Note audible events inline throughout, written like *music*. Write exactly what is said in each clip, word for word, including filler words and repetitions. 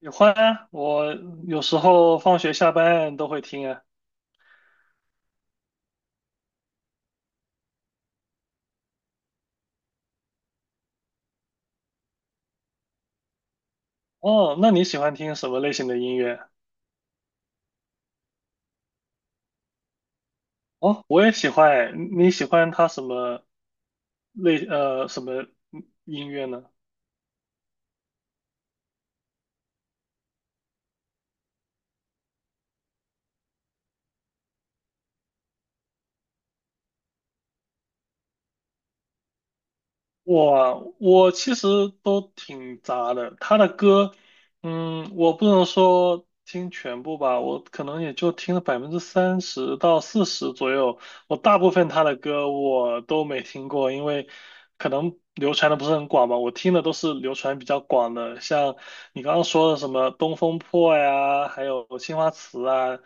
喜欢啊，我有时候放学下班都会听啊。哦，那你喜欢听什么类型的音乐？哦，我也喜欢诶。你喜欢他什么类呃什么音乐呢？我我其实都挺杂的，他的歌，嗯，我不能说听全部吧，我可能也就听了百分之三十到四十左右。我大部分他的歌我都没听过，因为可能流传的不是很广吧。我听的都是流传比较广的，像你刚刚说的什么《东风破》呀，还有《青花瓷》啊，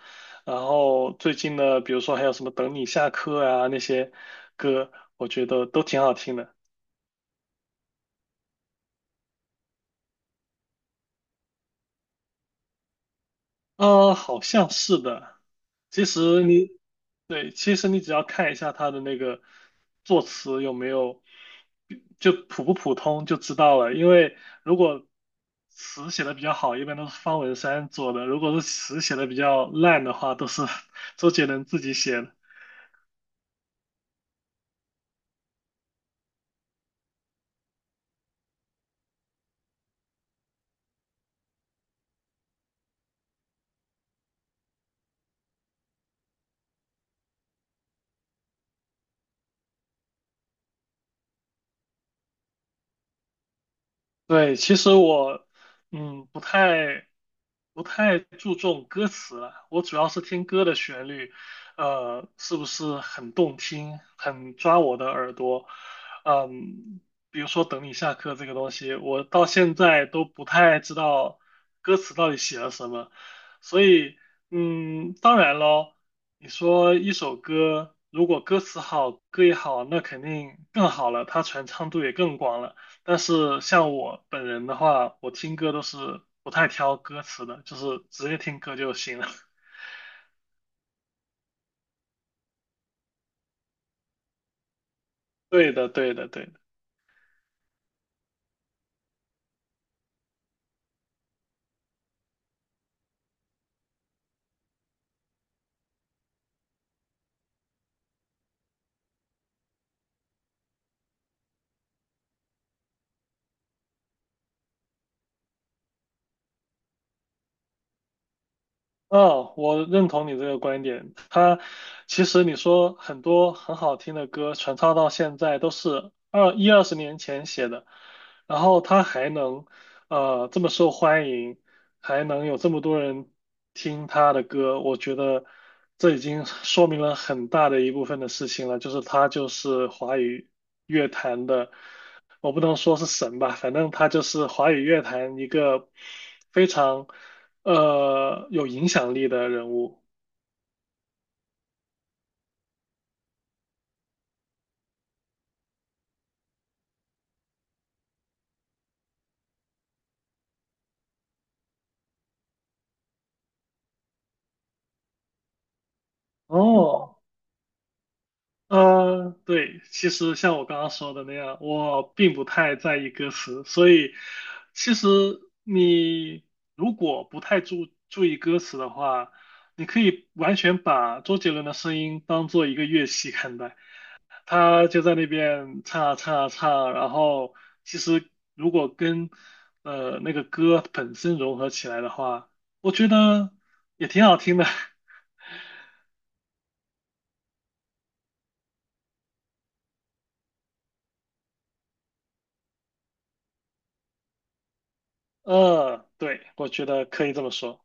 然后最近的比如说还有什么《等你下课》啊那些歌，我觉得都挺好听的。呃，好像是的。其实你，对，其实你只要看一下它的那个作词有没有，就普不普通就知道了。因为如果词写的比较好，一般都是方文山做的；如果是词写的比较烂的话，都是周杰伦 *laughs* 自己写的。对，其实我嗯不太不太注重歌词了，我主要是听歌的旋律，呃，是不是很动听，很抓我的耳朵，嗯，比如说《等你下课》这个东西，我到现在都不太知道歌词到底写了什么，所以嗯，当然咯，你说一首歌如果歌词好，歌也好，那肯定更好了，它传唱度也更广了。但是像我本人的话，我听歌都是不太挑歌词的，就是直接听歌就行了。*laughs* 对的，对的，对的。哦，我认同你这个观点。他其实你说很多很好听的歌传唱到现在都是二一二十年前写的，然后他还能呃这么受欢迎，还能有这么多人听他的歌，我觉得这已经说明了很大的一部分的事情了，就是他就是华语乐坛的，我不能说是神吧，反正他就是华语乐坛一个非常。呃，有影响力的人物。哦，呃，对，其实像我刚刚说的那样，我并不太在意歌词，所以其实你如果不太注注意歌词的话，你可以完全把周杰伦的声音当做一个乐器看待，他就在那边唱啊唱啊唱啊然后其实如果跟呃那个歌本身融合起来的话，我觉得也挺好听的。*laughs* 呃，对，我觉得可以这么说。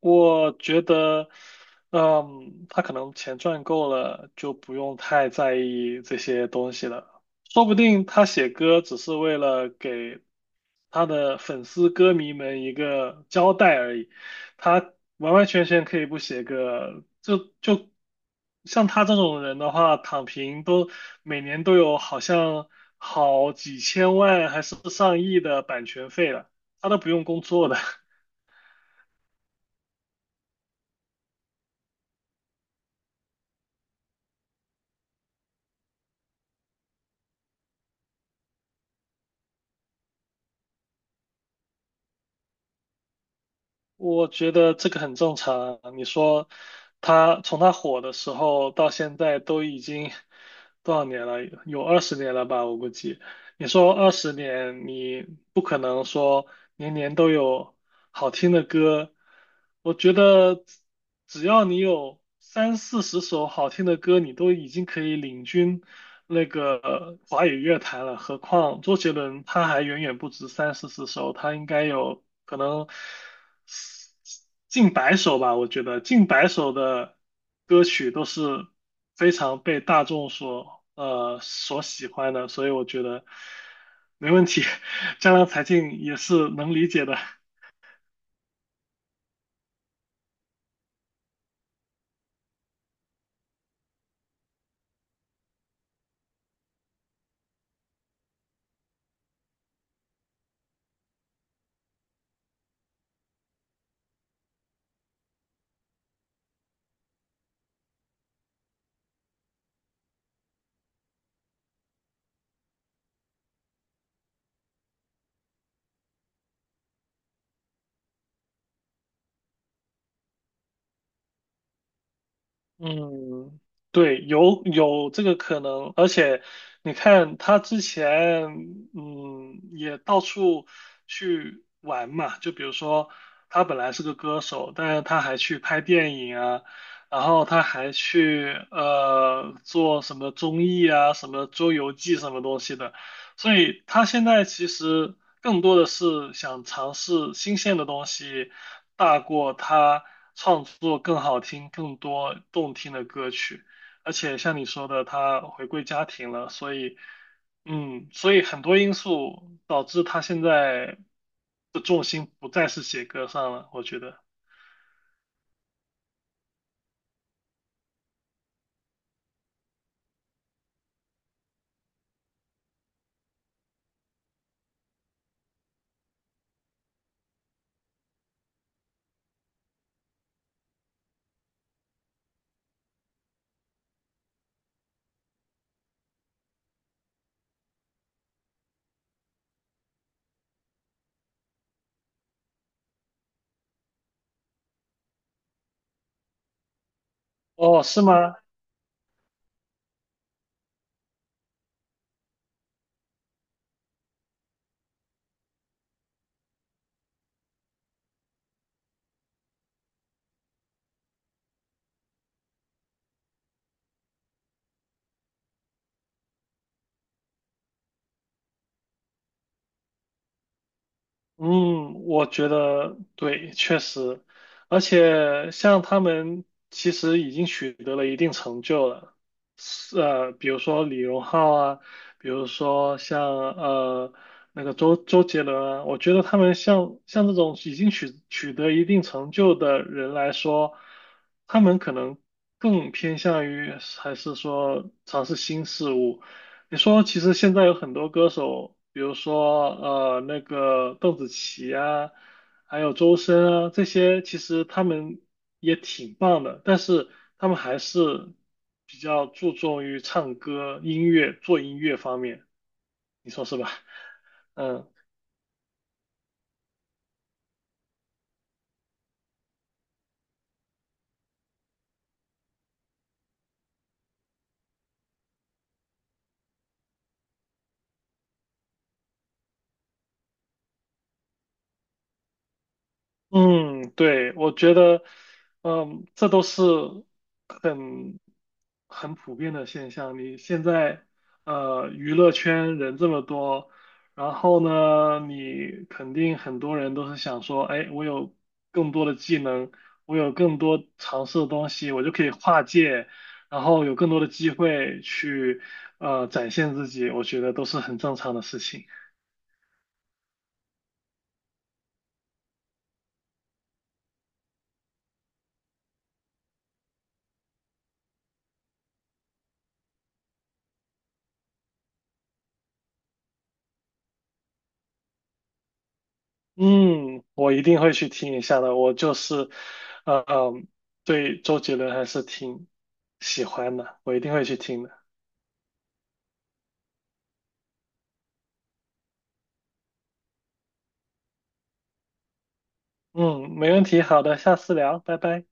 我觉得，嗯，他可能钱赚够了，就不用太在意这些东西了。说不定他写歌只是为了给他的粉丝歌迷们一个交代而已，他完完全全可以不写歌，就就像他这种人的话，躺平都每年都有好像好几千万还是上亿的版权费了，他都不用工作的。*laughs* 我觉得这个很正常啊。你说他从他火的时候到现在都已经多少年了？有二十年了吧，我估计。你说二十年，你不可能说年年都有好听的歌。我觉得只要你有三四十首好听的歌，你都已经可以领军那个华语乐坛了。何况周杰伦他还远远不止三四十首，他应该有可能近百首吧，我觉得近百首的歌曲都是非常被大众所呃所喜欢的，所以我觉得没问题。*laughs* 江郎才尽也是能理解的。嗯，对，有有这个可能，而且你看他之前，嗯，也到处去玩嘛，就比如说他本来是个歌手，但是他还去拍电影啊，然后他还去呃做什么综艺啊，什么周游记什么东西的。所以他现在其实更多的是想尝试新鲜的东西，大过他创作更好听、更多动听的歌曲。而且像你说的，他回归家庭了，所以，嗯，所以很多因素导致他现在的重心不再是写歌上了，我觉得。哦，是吗？嗯，我觉得对，确实，而且像他们其实已经取得了一定成就了，是呃，比如说李荣浩啊，比如说像呃那个周周杰伦啊，我觉得他们像像这种已经取取得一定成就的人来说，他们可能更偏向于还是说尝试新事物。你说，其实现在有很多歌手，比如说呃那个邓紫棋啊，还有周深啊，这些其实他们也挺棒的，但是他们还是比较注重于唱歌、音乐、做音乐方面，你说是吧？*laughs* 嗯。嗯，对，我觉得，嗯，这都是很很普遍的现象。你现在，呃，娱乐圈人这么多，然后呢，你肯定很多人都是想说，哎，我有更多的技能，我有更多尝试的东西，我就可以跨界，然后有更多的机会去，呃，展现自己，我觉得都是很正常的事情。嗯，我一定会去听一下的。我就是，呃嗯，对周杰伦还是挺喜欢的，我一定会去听的。嗯，没问题，好的，下次聊，拜拜。